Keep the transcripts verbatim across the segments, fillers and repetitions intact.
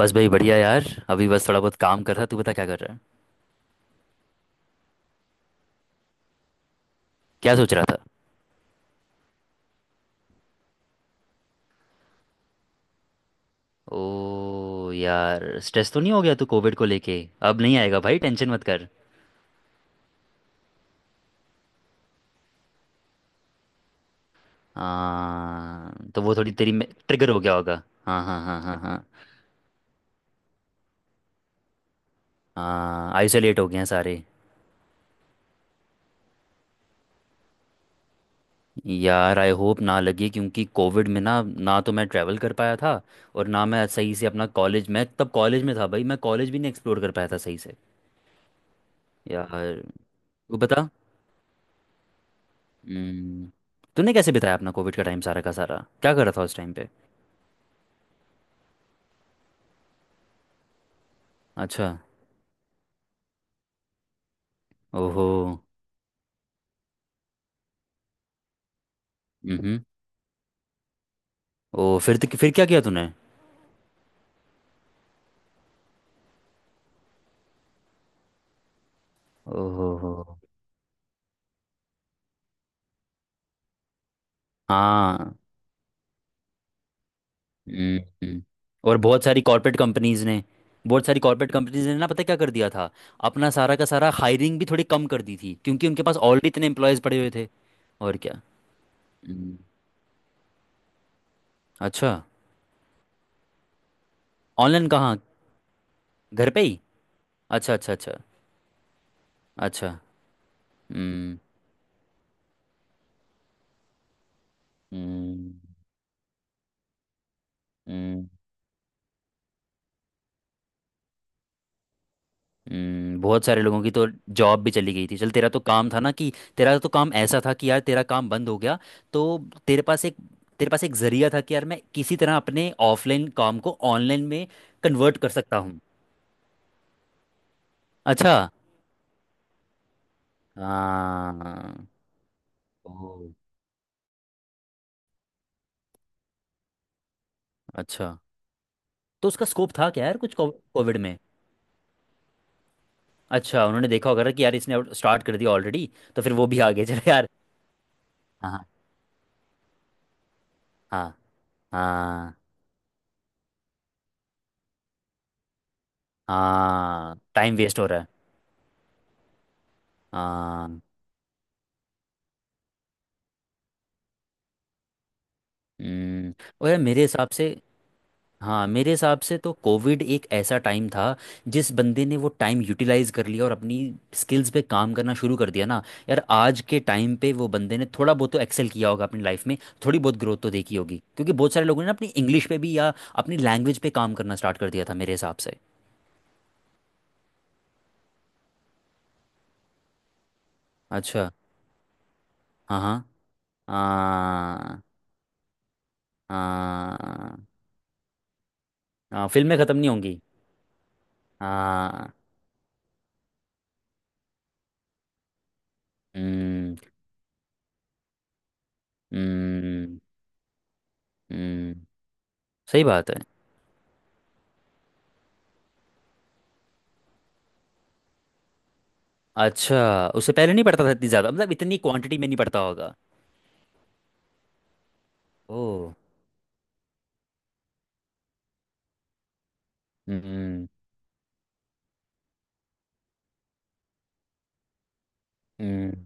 बस भाई बढ़िया यार। अभी बस थोड़ा बहुत काम कर रहा। तू बता क्या कर रहा है? क्या सोच रहा था? ओ यार, स्ट्रेस तो नहीं हो गया तू कोविड को लेके? अब नहीं आएगा भाई, टेंशन मत कर। हाँ तो वो थोड़ी तेरी में ट्रिगर हो गया होगा। हाँ हाँ हाँ हाँ हाँ। हाँ, आइसोलेट हो गए हैं सारे। यार आई होप ना लगे, क्योंकि कोविड में ना ना तो मैं ट्रैवल कर पाया था और ना मैं सही से अपना कॉलेज मैं तब कॉलेज में था भाई, मैं कॉलेज भी नहीं एक्सप्लोर कर पाया था सही से यार। तू बता। हम्म। तूने कैसे बिताया अपना कोविड का टाइम सारा का सारा? क्या कर रहा था उस टाइम पे? अच्छा। ओहो। हम्म। ओ फिर तो, फिर क्या किया तूने? ओहो हो। हाँ। हम्म। हम्म। और बहुत सारी कॉर्पोरेट कंपनीज ने बहुत सारी कॉर्पोरेट कंपनीज ने ना, पता है क्या कर दिया था? अपना सारा का सारा हायरिंग भी थोड़ी कम कर दी थी, क्योंकि उनके पास ऑलरेडी इतने एम्प्लॉयज पड़े हुए थे। और क्या? हम्म। अच्छा। ऑनलाइन कहाँ? घर पे ही। अच्छा अच्छा अच्छा। अच्छा। हम्म। हम्म। हम्म। हम्म। बहुत सारे लोगों की तो जॉब भी चली गई थी। चल, तेरा तो काम था ना कि, तेरा तो काम ऐसा था कि यार तेरा काम बंद हो गया। तो तेरे पास एक तेरे पास एक जरिया था कि यार मैं किसी तरह अपने ऑफलाइन काम को ऑनलाइन में कन्वर्ट कर सकता हूँ। अच्छा। हाँ। ओ। अच्छा। तो उसका स्कोप था क्या यार कुछ कोविड में? अच्छा, उन्होंने देखा होगा ना कि यार इसने स्टार्ट कर दिया ऑलरेडी, तो फिर वो भी आगे चले यार। हाँ हाँ। हाँ। हाँ, टाइम वेस्ट हो रहा है। हाँ। हम्म। और यार मेरे हिसाब से हाँ, मेरे हिसाब से तो कोविड एक ऐसा टाइम था, जिस बंदे ने वो टाइम यूटिलाइज कर लिया और अपनी स्किल्स पे काम करना शुरू कर दिया ना, यार आज के टाइम पे वो बंदे ने थोड़ा बहुत तो एक्सेल किया होगा अपनी लाइफ में। थोड़ी बहुत ग्रोथ तो देखी होगी, क्योंकि बहुत सारे लोगों ने ना अपनी इंग्लिश पे भी या अपनी लैंग्वेज पे काम करना स्टार्ट कर दिया था मेरे हिसाब से। अच्छा। हाँ हाँ हाँ हाँ। हाँ, फिल्में ख़त्म नहीं होंगी। हाँ। हम्म। हम्म। हम्म। सही बात है। अच्छा, उससे पहले नहीं पढ़ता था इतनी ज़्यादा? मतलब इतनी क्वांटिटी में नहीं पढ़ता होगा। ओ। हम्म। हम्म।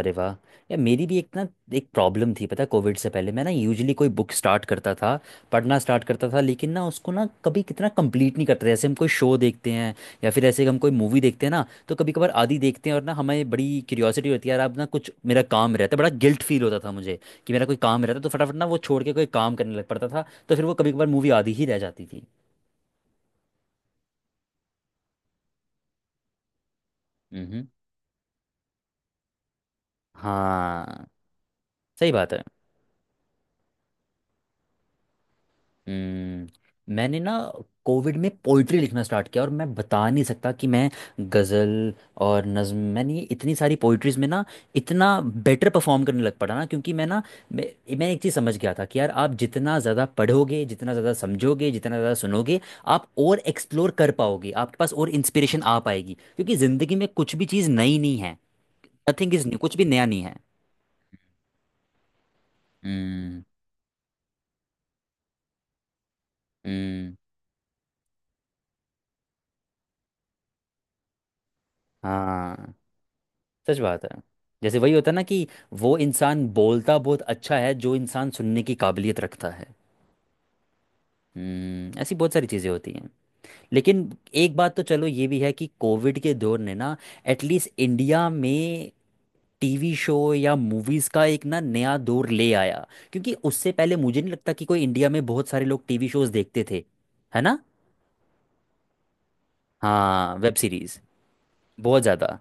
अरे वाह! यार मेरी भी एक ना, एक प्रॉब्लम थी पता है। कोविड से पहले मैं ना यूजली कोई बुक स्टार्ट करता था, पढ़ना स्टार्ट करता था, लेकिन ना उसको ना कभी कितना कंप्लीट नहीं करते जैसे हम कोई शो देखते हैं, या फिर ऐसे हम कोई मूवी देखते हैं ना, तो कभी कभार आधी देखते हैं, और ना हमें बड़ी क्यूरियोसिटी होती है यार। अब ना कुछ मेरा काम रहता है, बड़ा गिल्ट फील होता था मुझे कि मेरा कोई काम रहता तो फटाफट ना वो छोड़ के कोई काम करने लग पड़ता था, तो फिर वो कभी कभार मूवी आधी ही रह जाती थी। हम्म। हम्म। हाँ, सही बात है। हम्म, मैंने ना कोविड में पोइट्री लिखना स्टार्ट किया, और मैं बता नहीं सकता कि मैं गज़ल और नज़्म, मैंने ये इतनी सारी पोइट्रीज में ना इतना बेटर परफॉर्म करने लग पड़ा ना, क्योंकि मैं ना मैं, मैं एक चीज़ समझ गया था कि यार आप जितना ज़्यादा पढ़ोगे, जितना ज़्यादा समझोगे, जितना ज़्यादा सुनोगे, आप और एक्सप्लोर कर पाओगे, आपके पास और इंस्पिरेशन आ पाएगी, क्योंकि ज़िंदगी में कुछ भी चीज़ नई नहीं है। नथिंग इज़ न्यू, कुछ भी नया नहीं है। हम्म। हम्म। हाँ, सच बात है। जैसे वही होता है ना कि वो इंसान बोलता बहुत अच्छा है जो इंसान सुनने की काबिलियत रखता है। हम्म, ऐसी बहुत सारी चीज़ें होती हैं। लेकिन एक बात तो चलो ये भी है कि कोविड के दौर ने ना, एटलीस्ट इंडिया में, टीवी शो या मूवीज़ का एक ना नया दौर ले आया, क्योंकि उससे पहले मुझे नहीं लगता कि कोई, इंडिया में बहुत सारे लोग टीवी शोज़ देखते थे। है ना? हाँ, वेब सीरीज़। बहुत ज़्यादा।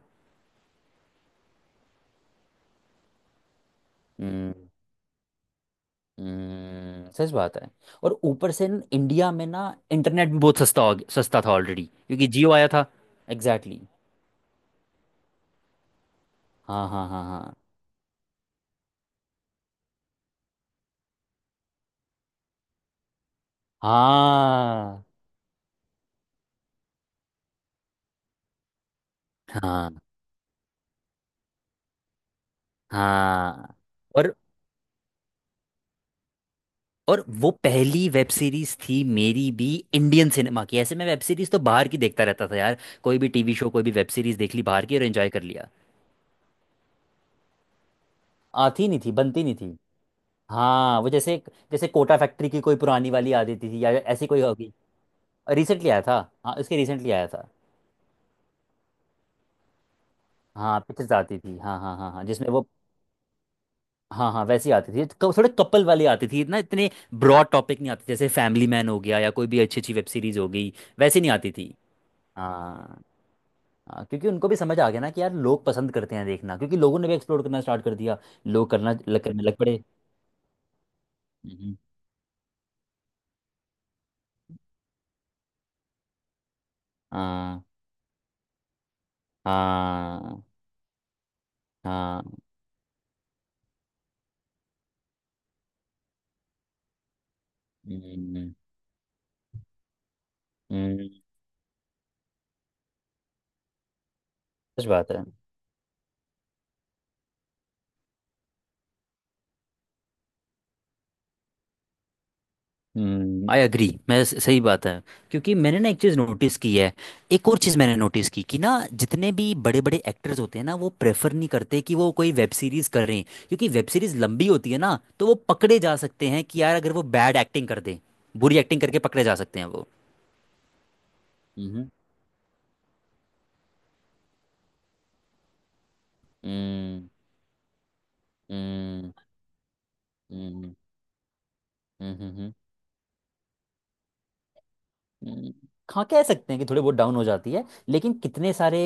हम्म। हम्म, सच बात है। और ऊपर से न, इंडिया में ना इंटरनेट भी बहुत सस्ता हो गया- सस्ता था ऑलरेडी, क्योंकि जियो आया था। Exactly exactly। हाँ हाँ हाँ हाँ। हाँ हाँ हाँ। और और वो पहली वेब सीरीज थी मेरी भी, इंडियन सिनेमा की। ऐसे मैं वेब सीरीज तो बाहर की देखता रहता था यार, कोई भी टीवी शो कोई भी वेब सीरीज देख ली बाहर की और एंजॉय कर लिया। आती नहीं थी, बनती नहीं थी। हाँ, वो जैसे, जैसे कोटा फैक्ट्री की कोई पुरानी वाली आ जाती थी, या ऐसी कोई होगी। रिसेंटली आया था। हाँ, इसके रिसेंटली आया था। हाँ, पिक्चर्स आती थी। हाँ हाँ हाँ हाँ। जिसमें वो, हाँ हाँ वैसी आती थी। क- थोड़े कपल वाली आती थी, इतना इतने ब्रॉड टॉपिक नहीं आते जैसे फैमिली मैन हो गया या कोई भी अच्छी अच्छी वेब सीरीज हो गई, वैसी नहीं आती थी। हाँ। हाँ, क्योंकि उनको भी समझ आ गया ना कि यार लोग पसंद करते हैं देखना, क्योंकि लोगों ने भी एक्सप्लोर करना स्टार्ट कर दिया। लोग करना लग करने लग पड़े। हम्म। हाँ हाँ हाँ। हम्म, हम्म, सच बात है। हम्म, आई अग्री, मैं स- सही बात है, क्योंकि मैंने ना एक चीज़ नोटिस की है। एक और चीज़ मैंने नोटिस की कि ना जितने भी बड़े बड़े एक्टर्स होते हैं ना, वो प्रेफर नहीं करते कि वो कोई वेब सीरीज़ करें, क्योंकि वेब सीरीज़ लंबी होती है ना, तो वो पकड़े जा सकते हैं कि यार अगर वो बैड एक्टिंग कर दे, बुरी एक्टिंग करके पकड़े जा सकते हैं वो। हम्म। हम्म। हम्म। हम्म। हम्म, हाँ कह सकते हैं कि थोड़ी बहुत डाउन हो जाती है, लेकिन कितने सारे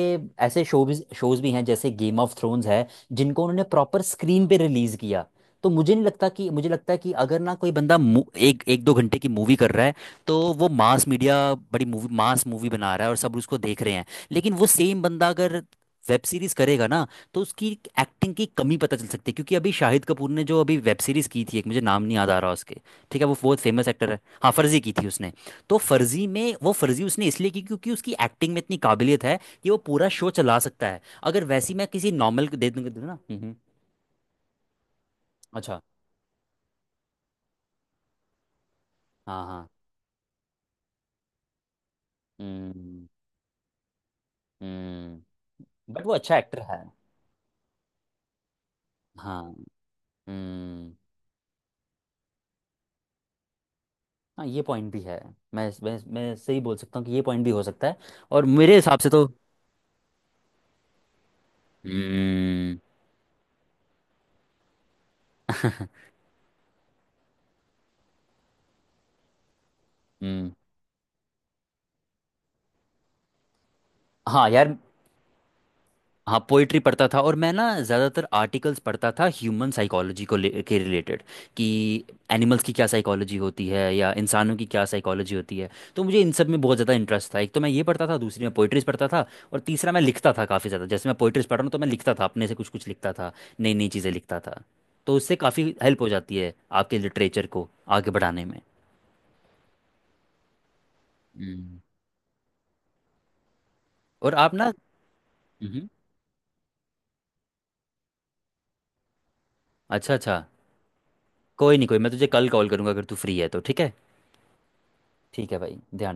ऐसे शोज शोज भी हैं, जैसे गेम ऑफ थ्रोन्स है, जिनको उन्होंने प्रॉपर स्क्रीन पे रिलीज किया, तो मुझे नहीं लगता कि, मुझे लगता है कि अगर ना कोई बंदा मु- एक एक दो घंटे की मूवी कर रहा है, तो वो मास मीडिया, बड़ी मूवी, मास मूवी बना रहा है और सब उसको देख रहे हैं। लेकिन वो सेम बंदा अगर वेब सीरीज करेगा ना, तो उसकी एक्टिंग की कमी पता चल सकती है। क्योंकि अभी शाहिद कपूर ने जो अभी वेब सीरीज की थी एक, मुझे नाम नहीं याद आ रहा उसके। ठीक है, वो बहुत फेमस एक्टर है। हाँ, फर्जी की थी उसने। तो फर्जी में वो, फर्जी उसने इसलिए की क्योंकि उसकी एक्टिंग में इतनी काबिलियत है कि वो पूरा शो चला सकता है। अगर वैसी मैं किसी नॉर्मल को दे दूंगा दूंगा ना। हम्म। हम्म, अच्छा। हाँ हाँ। हम्म। हम्म। बट वो अच्छा एक्टर है। हाँ। हम्म। हाँ, ये पॉइंट भी है। मैं मैं मैं सही बोल सकता हूँ कि ये पॉइंट भी हो सकता है। और मेरे हिसाब से तो हम्म। हम्म। हाँ यार। हाँ, पोइट्री पढ़ता था और मैं ना ज़्यादातर आर्टिकल्स पढ़ता था ह्यूमन साइकोलॉजी को ले के रिलेटेड, कि एनिमल्स की क्या साइकोलॉजी होती है या इंसानों की क्या साइकोलॉजी होती है। तो मुझे इन सब में बहुत ज़्यादा इंटरेस्ट था। एक तो मैं ये पढ़ता था, दूसरी मैं पोइट्रीज पढ़ता था, और तीसरा मैं लिखता था काफ़ी ज़्यादा। जैसे मैं पोइट्रीज पढ़ रहा हूँ तो मैं लिखता था, अपने से कुछ कुछ लिखता था, नई नई चीज़ें लिखता था। तो उससे काफ़ी हेल्प हो जाती है आपके लिटरेचर को आगे बढ़ाने में। हम्म। और आप ना। हम्म। अच्छा अच्छा। कोई नहीं, कोई मैं तुझे कल कॉल करूँगा अगर तू फ्री है तो। ठीक है। ठीक है भाई, ध्यान